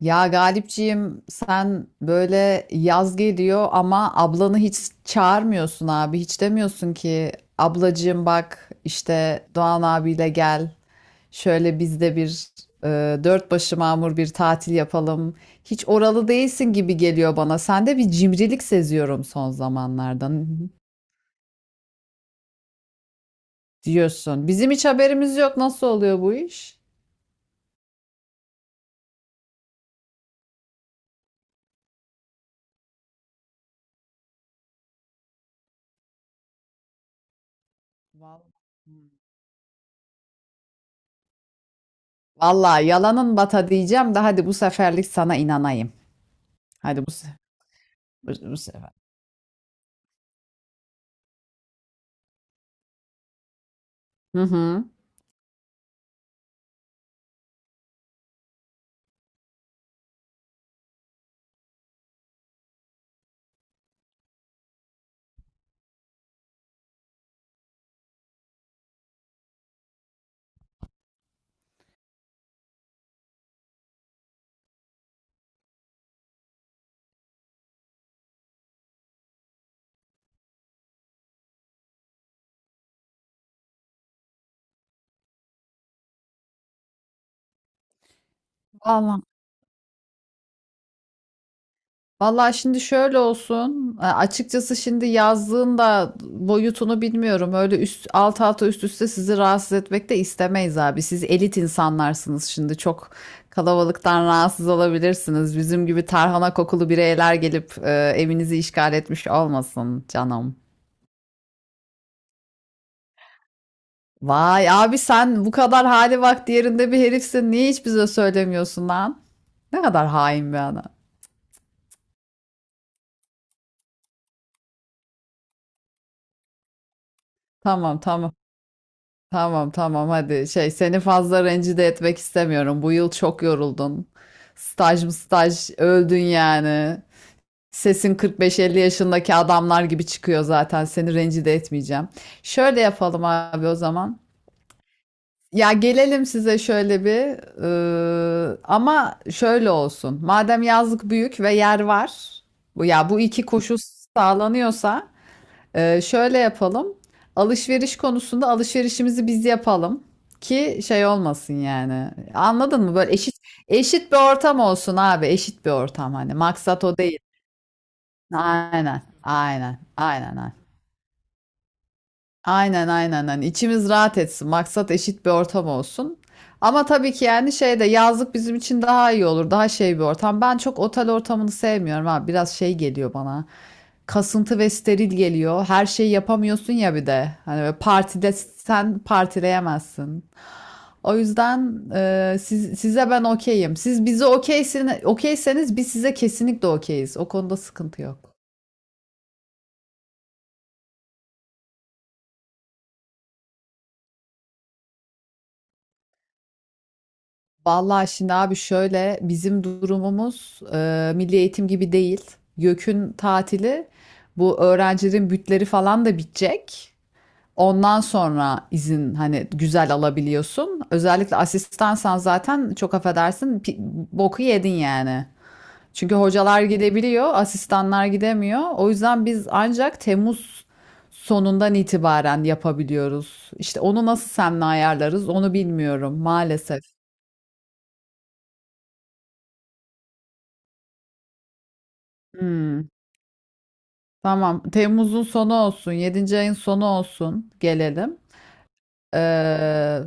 Ya Galipciğim sen böyle yaz geliyor ama ablanı hiç çağırmıyorsun abi. Hiç demiyorsun ki ablacığım bak işte Doğan abiyle gel. Şöyle biz de bir dört başı mamur bir tatil yapalım. Hiç oralı değilsin gibi geliyor bana. Sende bir cimrilik seziyorum son zamanlardan diyorsun. Bizim hiç haberimiz yok. Nasıl oluyor bu iş? Vallahi Vallahi yalanın bata diyeceğim de hadi bu seferlik sana inanayım. Hadi bu sefer. Bu sefer. Hı hı. Vallahi, vallahi, şimdi şöyle olsun. Açıkçası şimdi yazdığın da boyutunu bilmiyorum. Öyle üst alt alta üst üste sizi rahatsız etmek de istemeyiz abi. Siz elit insanlarsınız şimdi. Çok kalabalıktan rahatsız olabilirsiniz. Bizim gibi tarhana kokulu bireyler gelip evinizi işgal etmiş olmasın canım. Vay abi sen bu kadar hali vakti yerinde bir herifsin. Niye hiç bize söylemiyorsun lan? Ne kadar hain bir adam. Tamam tamam. Tamam tamam hadi şey seni fazla rencide etmek istemiyorum. Bu yıl çok yoruldun. Staj mı staj öldün yani. Sesin 45-50 yaşındaki adamlar gibi çıkıyor zaten. Seni rencide etmeyeceğim. Şöyle yapalım abi o zaman. Ya gelelim size şöyle bir ama şöyle olsun. Madem yazlık büyük ve yer var. Bu iki koşul sağlanıyorsa şöyle yapalım. Alışveriş konusunda alışverişimizi biz yapalım ki şey olmasın yani. Anladın mı? Böyle eşit bir ortam olsun abi. Eşit bir ortam hani. Maksat o değil. Aynen. Aynen. Aynen. Aynen. Aynen, aynen, aynen. İçimiz rahat etsin. Maksat eşit bir ortam olsun. Ama tabii ki yani şey de yazlık bizim için daha iyi olur. Daha şey bir ortam. Ben çok otel ortamını sevmiyorum abi. Biraz şey geliyor bana, kasıntı ve steril geliyor. Her şeyi yapamıyorsun ya bir de. Hani böyle partide sen partileyemezsin. O yüzden size ben okeyim. Siz bize okeyseniz biz size kesinlikle okeyiz. O konuda sıkıntı yok. Vallahi şimdi abi şöyle bizim durumumuz milli eğitim gibi değil. YÖK'ün tatili, bu öğrencilerin bütleri falan da bitecek. Ondan sonra izin hani güzel alabiliyorsun. Özellikle asistansan zaten çok affedersin boku yedin yani. Çünkü hocalar gidebiliyor, asistanlar gidemiyor. O yüzden biz ancak Temmuz sonundan itibaren yapabiliyoruz. İşte onu nasıl seninle ayarlarız onu bilmiyorum maalesef. Hmm, tamam. Temmuz'un sonu olsun, yedinci ayın sonu olsun gelelim. Ee,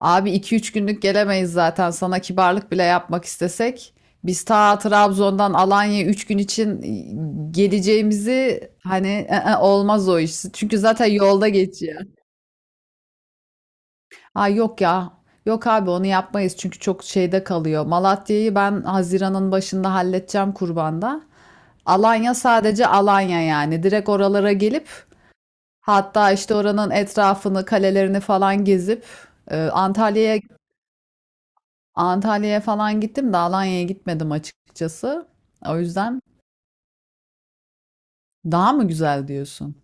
Abi iki üç günlük gelemeyiz zaten. Sana kibarlık bile yapmak istesek. Biz ta Trabzon'dan Alanya'ya 3 gün için geleceğimizi hani olmaz o iş. Çünkü zaten yolda geçiyor. Ha yok ya. Yok abi onu yapmayız çünkü çok şeyde kalıyor. Malatya'yı ben Haziran'ın başında halledeceğim kurbanda. Alanya sadece Alanya yani. Direkt oralara gelip hatta işte oranın etrafını, kalelerini falan gezip e, Antalya'ya Antalya'ya falan gittim de Alanya'ya gitmedim açıkçası. O yüzden daha mı güzel diyorsun?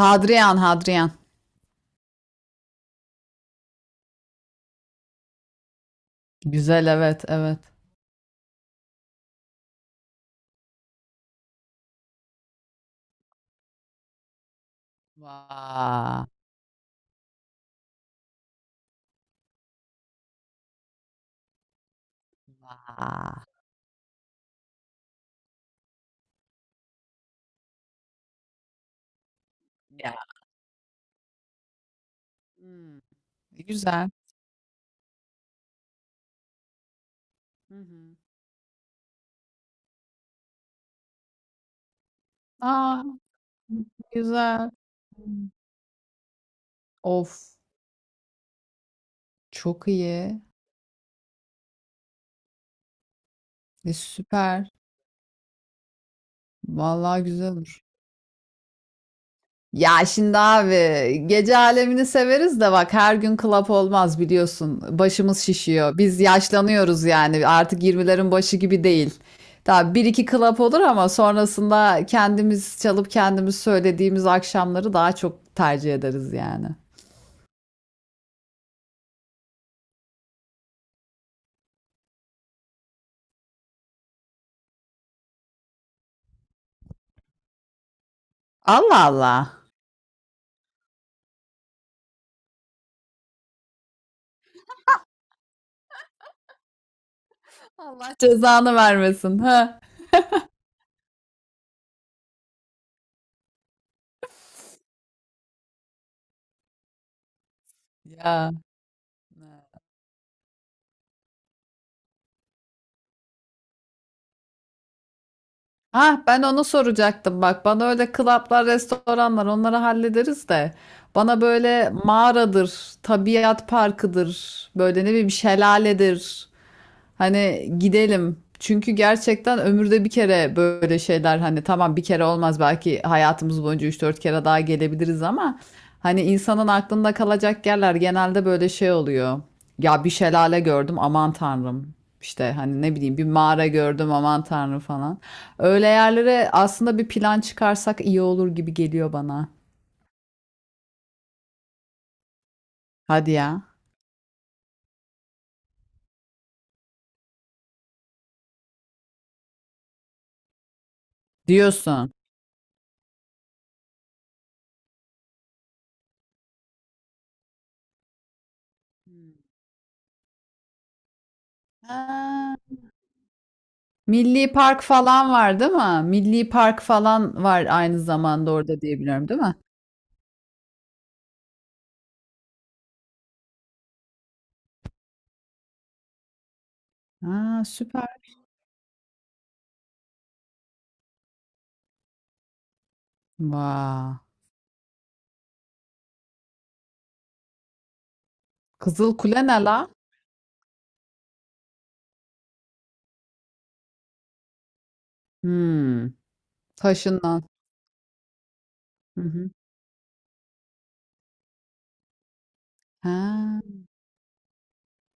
Hadrian, Hadrian. Güzel, evet, evet. Vaa, vaa. Ya. Hmm, güzel. Hı hı. Aa, güzel. Hı. Of, çok iyi. E, süper. Vallahi güzel olur. Ya şimdi abi gece alemini severiz de bak her gün club olmaz biliyorsun. Başımız şişiyor. Biz yaşlanıyoruz yani artık 20'lerin başı gibi değil. Tabii bir iki club olur ama sonrasında kendimiz çalıp kendimiz söylediğimiz akşamları daha çok tercih ederiz yani. Allah Allah. Allah cezanı vermesin. Ha. Ya. Ha ben onu soracaktım, bak bana öyle klaplar, restoranlar onları hallederiz de bana böyle mağaradır, tabiat parkıdır, böyle ne bileyim şelaledir, hani gidelim. Çünkü gerçekten ömürde bir kere böyle şeyler, hani tamam bir kere olmaz belki, hayatımız boyunca üç dört kere daha gelebiliriz ama hani insanın aklında kalacak yerler genelde böyle şey oluyor. Ya bir şelale gördüm aman tanrım. İşte hani ne bileyim bir mağara gördüm aman tanrım falan. Öyle yerlere aslında bir plan çıkarsak iyi olur gibi geliyor bana. Hadi ya. Diyorsun. Ha. Milli park falan var değil mi? Milli park falan var aynı zamanda orada diye, değil mi? Ha, süper. Vay. Kızıl Kule ne la? Hmm. Taşından. Hı hı. Ha,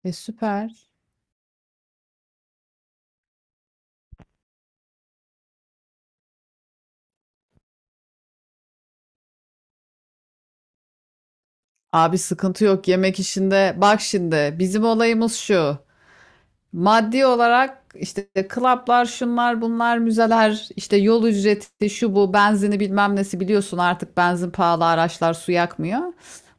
süper. Abi sıkıntı yok yemek işinde. Bak şimdi bizim olayımız şu. Maddi olarak işte klaplar, şunlar, bunlar, müzeler, işte yol ücreti, şu bu, benzini bilmem nesi, biliyorsun artık benzin pahalı, araçlar su yakmıyor.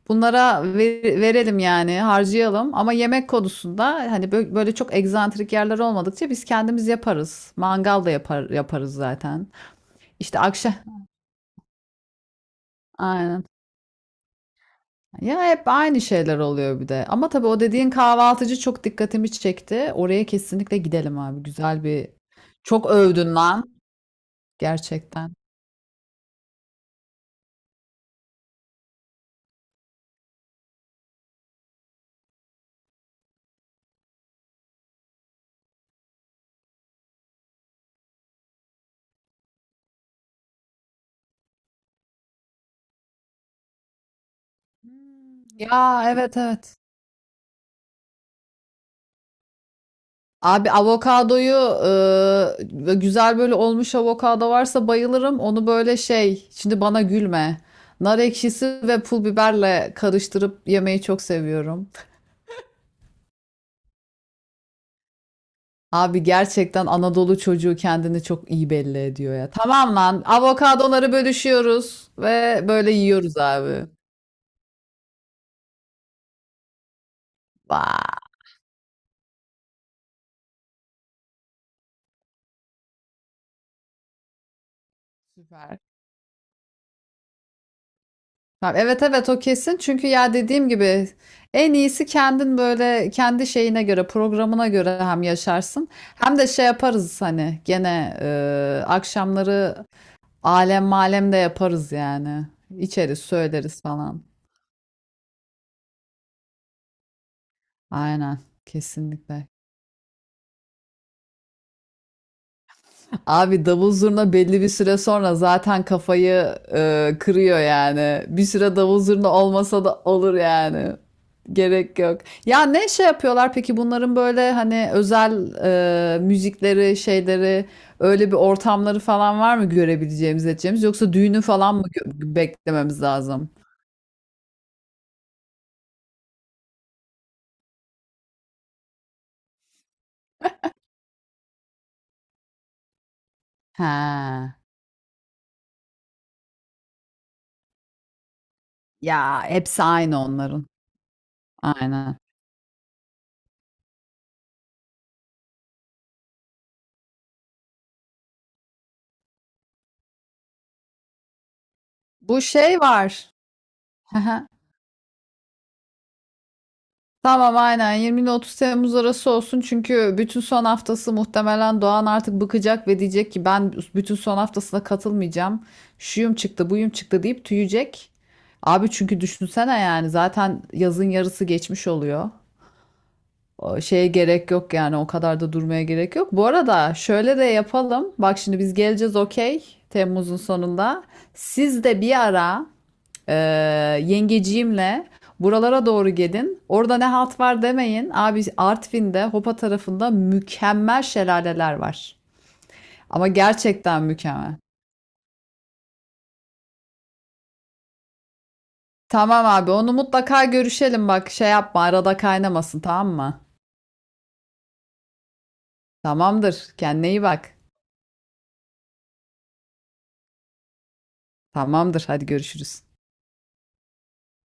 Bunlara verelim yani, harcayalım ama yemek konusunda hani böyle çok egzantrik yerler olmadıkça biz kendimiz yaparız. Mangal da yaparız zaten. İşte akşam, aynen. Ya hep aynı şeyler oluyor bir de. Ama tabii o dediğin kahvaltıcı çok dikkatimi çekti. Oraya kesinlikle gidelim abi. Güzel bir çok övdün lan. Gerçekten. Hmm, ya evet evet. Abi avokadoyu güzel böyle olmuş avokado varsa bayılırım. Onu böyle şey, şimdi bana gülme. Nar ekşisi ve pul biberle karıştırıp yemeyi çok seviyorum. Abi gerçekten Anadolu çocuğu kendini çok iyi belli ediyor ya. Tamam lan, avokadoları bölüşüyoruz ve böyle yiyoruz abi. Vay, süper. Tamam, evet evet o kesin çünkü ya dediğim gibi en iyisi kendin böyle kendi şeyine göre, programına göre hem yaşarsın hem de şey yaparız hani gene akşamları alem malem de yaparız yani, içeriz söyleriz falan, aynen, kesinlikle. Abi davul zurna belli bir süre sonra zaten kafayı kırıyor yani. Bir süre davul zurna olmasa da olur yani. Gerek yok. Ya ne şey yapıyorlar peki bunların, böyle hani özel müzikleri, şeyleri, öyle bir ortamları falan var mı görebileceğimiz, edeceğimiz, yoksa düğünü falan mı beklememiz lazım? He. Ya hepsi aynı onların. Aynen. Bu şey var. Tamam aynen 20 ile 30 Temmuz arası olsun çünkü bütün son haftası muhtemelen Doğan artık bıkacak ve diyecek ki ben bütün son haftasına katılmayacağım. Şuyum çıktı, buyum çıktı deyip tüyecek. Abi çünkü düşünsene yani zaten yazın yarısı geçmiş oluyor. O şeye gerek yok yani, o kadar da durmaya gerek yok. Bu arada şöyle de yapalım. Bak şimdi biz geleceğiz okey, Temmuz'un sonunda. Siz de bir ara ee, yengeciğimle buralara doğru gelin. Orada ne halt var demeyin. Abi Artvin'de Hopa tarafında mükemmel şelaleler var. Ama gerçekten mükemmel. Tamam abi onu mutlaka görüşelim, bak şey yapma, arada kaynamasın, tamam mı? Tamamdır, kendine iyi bak. Tamamdır, hadi görüşürüz.